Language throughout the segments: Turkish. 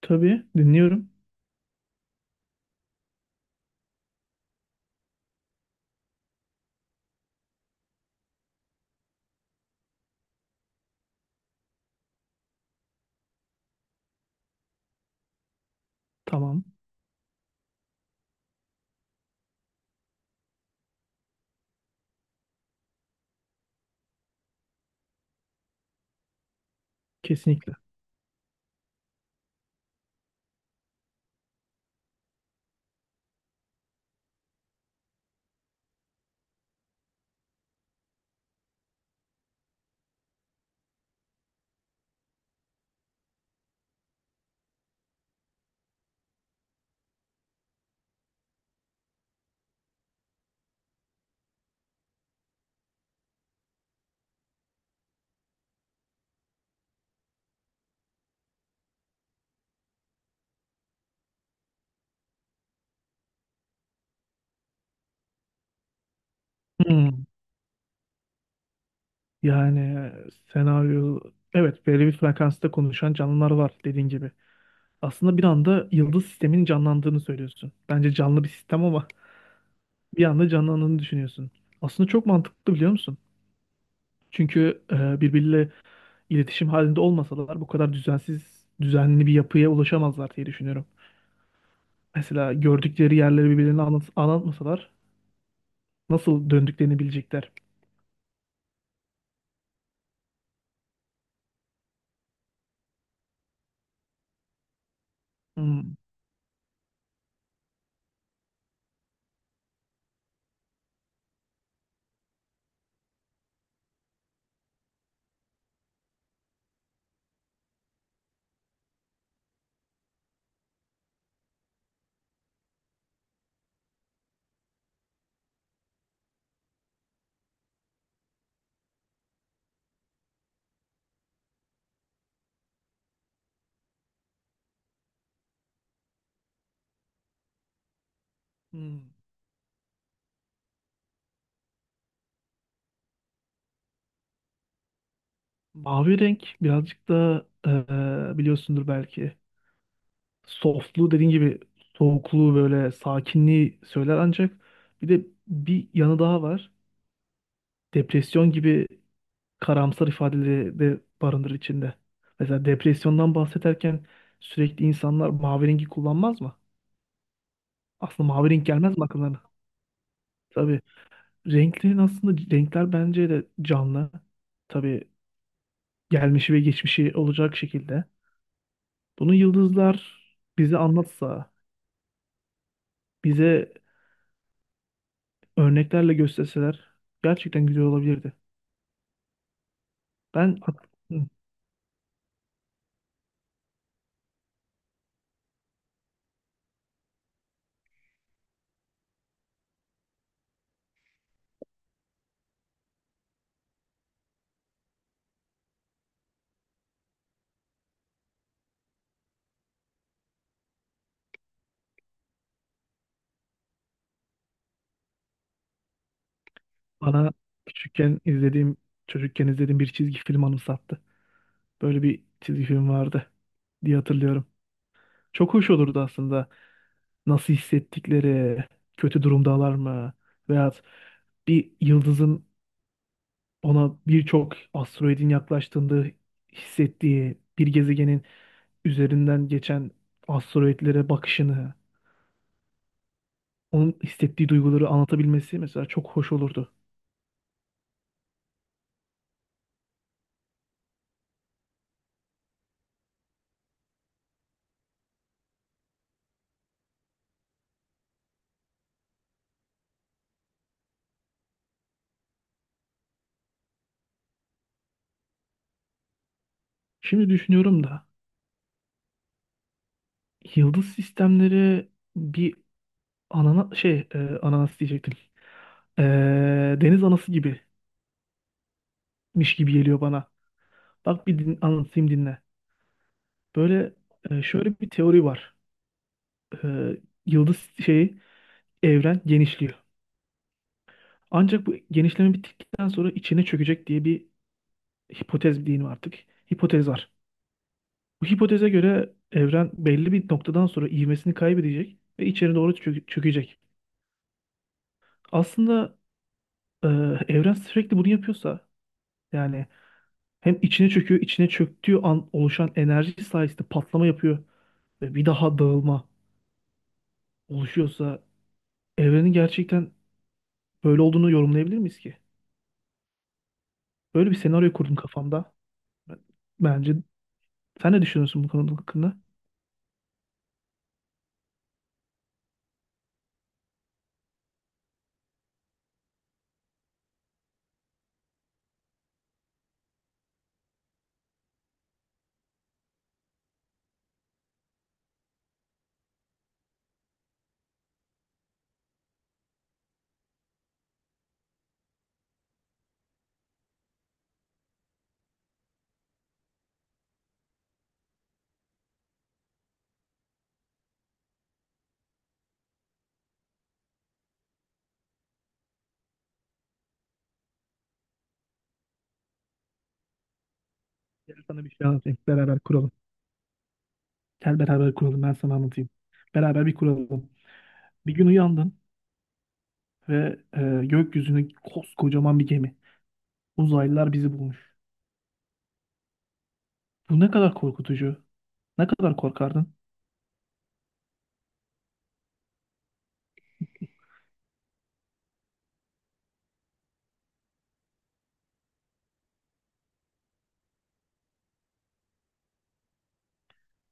Tabii dinliyorum. Tamam. Kesinlikle. Hmm. Yani senaryo, evet, belli bir frekansta konuşan canlılar var dediğin gibi. Aslında bir anda yıldız sisteminin canlandığını söylüyorsun. Bence canlı bir sistem ama bir anda canlandığını düşünüyorsun. Aslında çok mantıklı, biliyor musun? Çünkü birbiriyle iletişim halinde olmasalar bu kadar düzensiz, düzenli bir yapıya ulaşamazlar diye düşünüyorum. Mesela gördükleri yerleri birbirlerine anlatmasalar nasıl döndüklerini bilecekler. Hmm. Hmm. Mavi renk birazcık da biliyorsundur belki. Softluğu dediğin gibi soğukluğu, böyle sakinliği söyler, ancak bir de bir yanı daha var. Depresyon gibi karamsar ifadeleri de barındırır içinde. Mesela depresyondan bahsederken sürekli insanlar mavi rengi kullanmaz mı? Aslında mavi renk gelmez mi akıllarına? Tabii renklerin, aslında renkler bence de canlı. Tabii gelmişi ve geçmişi olacak şekilde. Bunu yıldızlar bize anlatsa, bize örneklerle gösterseler gerçekten güzel olabilirdi. Ben Hı. Bana küçükken izlediğim, çocukken izlediğim bir çizgi film anımsattı. Böyle bir çizgi film vardı diye hatırlıyorum. Çok hoş olurdu aslında. Nasıl hissettikleri, kötü durumdalar mı veyahut bir yıldızın ona birçok asteroidin yaklaştığında hissettiği, bir gezegenin üzerinden geçen asteroidlere bakışını, onun hissettiği duyguları anlatabilmesi mesela çok hoş olurdu. Şimdi düşünüyorum da yıldız sistemleri bir ananas diyecektim. E, deniz anası gibimiş gibi geliyor bana. Bak anlatayım, dinle. Böyle şöyle bir teori var. E, yıldız şeyi, evren genişliyor. Ancak bu genişleme bittikten sonra içine çökecek diye bir hipotez diyeyim artık. Hipotez var. Bu hipoteze göre evren belli bir noktadan sonra ivmesini kaybedecek ve içeri doğru çökecek. Aslında e, evren sürekli bunu yapıyorsa, yani hem içine çöküyor, içine çöktüğü an oluşan enerji sayesinde patlama yapıyor ve bir daha dağılma oluşuyorsa, evrenin gerçekten böyle olduğunu yorumlayabilir miyiz ki? Böyle bir senaryo kurdum kafamda. Bence sen ne düşünüyorsun bu konu hakkında? Gel sana bir şey anlatayım. Beraber kuralım. Gel beraber kuralım. Ben sana anlatayım. Beraber bir kuralım. Bir gün uyandın ve gökyüzüne koskocaman bir gemi. Uzaylılar bizi bulmuş. Bu ne kadar korkutucu. Ne kadar korkardın?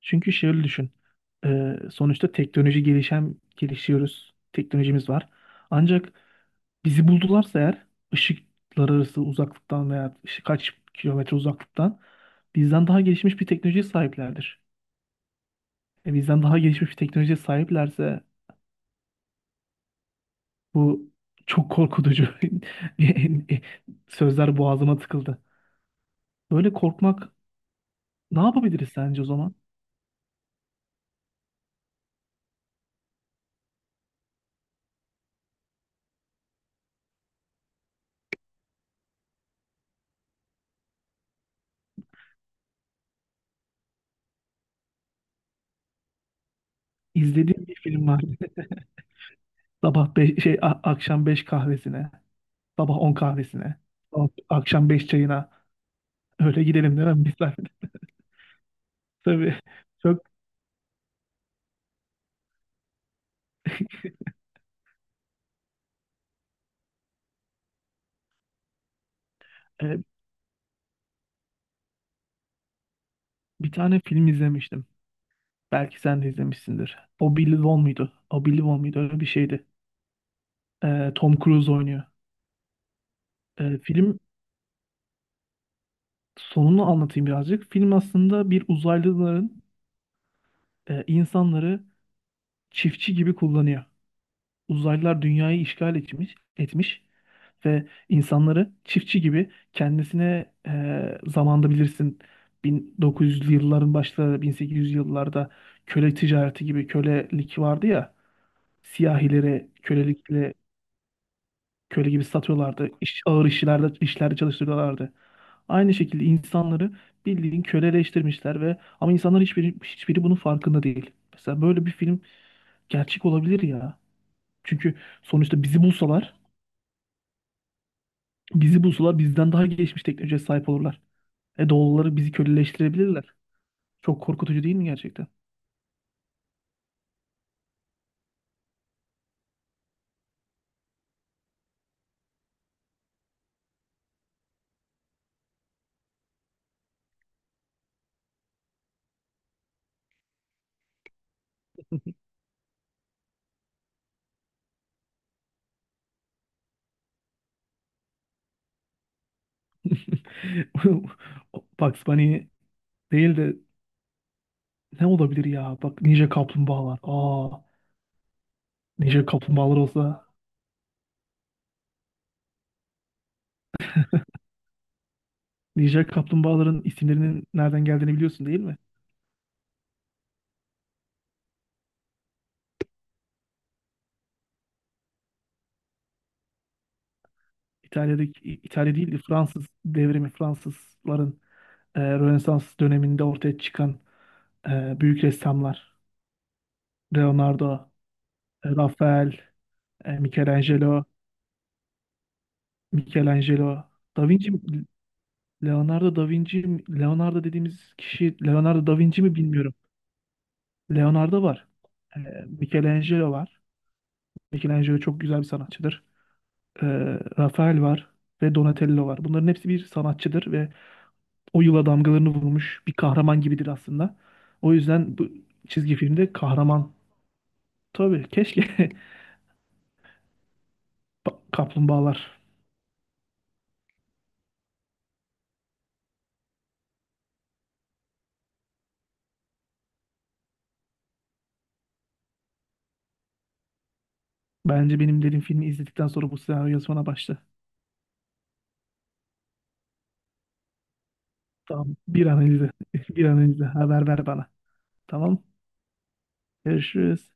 Çünkü şöyle düşün. Sonuçta teknoloji gelişiyoruz. Teknolojimiz var. Ancak bizi buldularsa eğer, ışıklar arası uzaklıktan veya işte kaç kilometre uzaklıktan, bizden daha gelişmiş bir teknolojiye sahiplerdir. Bizden daha gelişmiş bir teknolojiye sahiplerse bu çok korkutucu. Sözler boğazıma tıkıldı. Böyle korkmak, ne yapabiliriz sence o zaman? İzlediğim bir film var. Sabah beş, şey a- akşam 5 kahvesine, sabah 10 kahvesine, akşam 5 çayına öyle gidelim değil mi? Misafir. Tabii çok e, bir tane film izlemiştim. Belki sen de izlemişsindir. O Billy Won muydu? O Billy Won muydu? Öyle bir şeydi. Tom Cruise oynuyor. Film sonunu anlatayım birazcık. Film aslında bir uzaylıların insanları çiftçi gibi kullanıyor. Uzaylılar dünyayı etmiş ve insanları çiftçi gibi kendisine zamanda bilirsin 1900'lü yılların başları, 1800 yıllarda köle ticareti gibi kölelik vardı ya, siyahilere kölelikle köle gibi satıyorlardı. Ağır işlerde çalıştırıyorlardı. Aynı şekilde insanları bildiğin köleleştirmişler ve ama insanlar, hiçbiri bunun farkında değil. Mesela böyle bir film gerçek olabilir ya. Çünkü sonuçta bizi bulsalar, bizi bulsalar bizden daha gelişmiş teknolojiye sahip olurlar. E doğuluları bizi köleleştirebilirler. Çok korkutucu değil mi gerçekten? Bugs Bunny değil de ne olabilir ya? Bak, Ninja Kaplumbağalar. Aa, Ninja Kaplumbağalar olsa. Ninja kaplumbağaların isimlerinin nereden geldiğini biliyorsun değil mi? İtalya'daki, İtalya değil de Fransız devrimi, Fransızların Rönesans döneminde ortaya çıkan büyük ressamlar. Leonardo, Rafael, Michelangelo, Michelangelo, Da Vinci, mi? Leonardo da Vinci, mi? Leonardo dediğimiz kişi Leonardo da Vinci mi, bilmiyorum. Leonardo var. E, Michelangelo var. Michelangelo çok güzel bir sanatçıdır. E, Rafael var ve Donatello var. Bunların hepsi bir sanatçıdır ve o yıla damgalarını vurmuş bir kahraman gibidir aslında. O yüzden bu çizgi filmde kahraman, tabii keşke Kaplumbağalar. Bence benim dediğim filmi izledikten sonra bu senaryo yazmana başla. Tamam. Bir an önce, bir an önce haber ver bana. Tamam. Görüşürüz.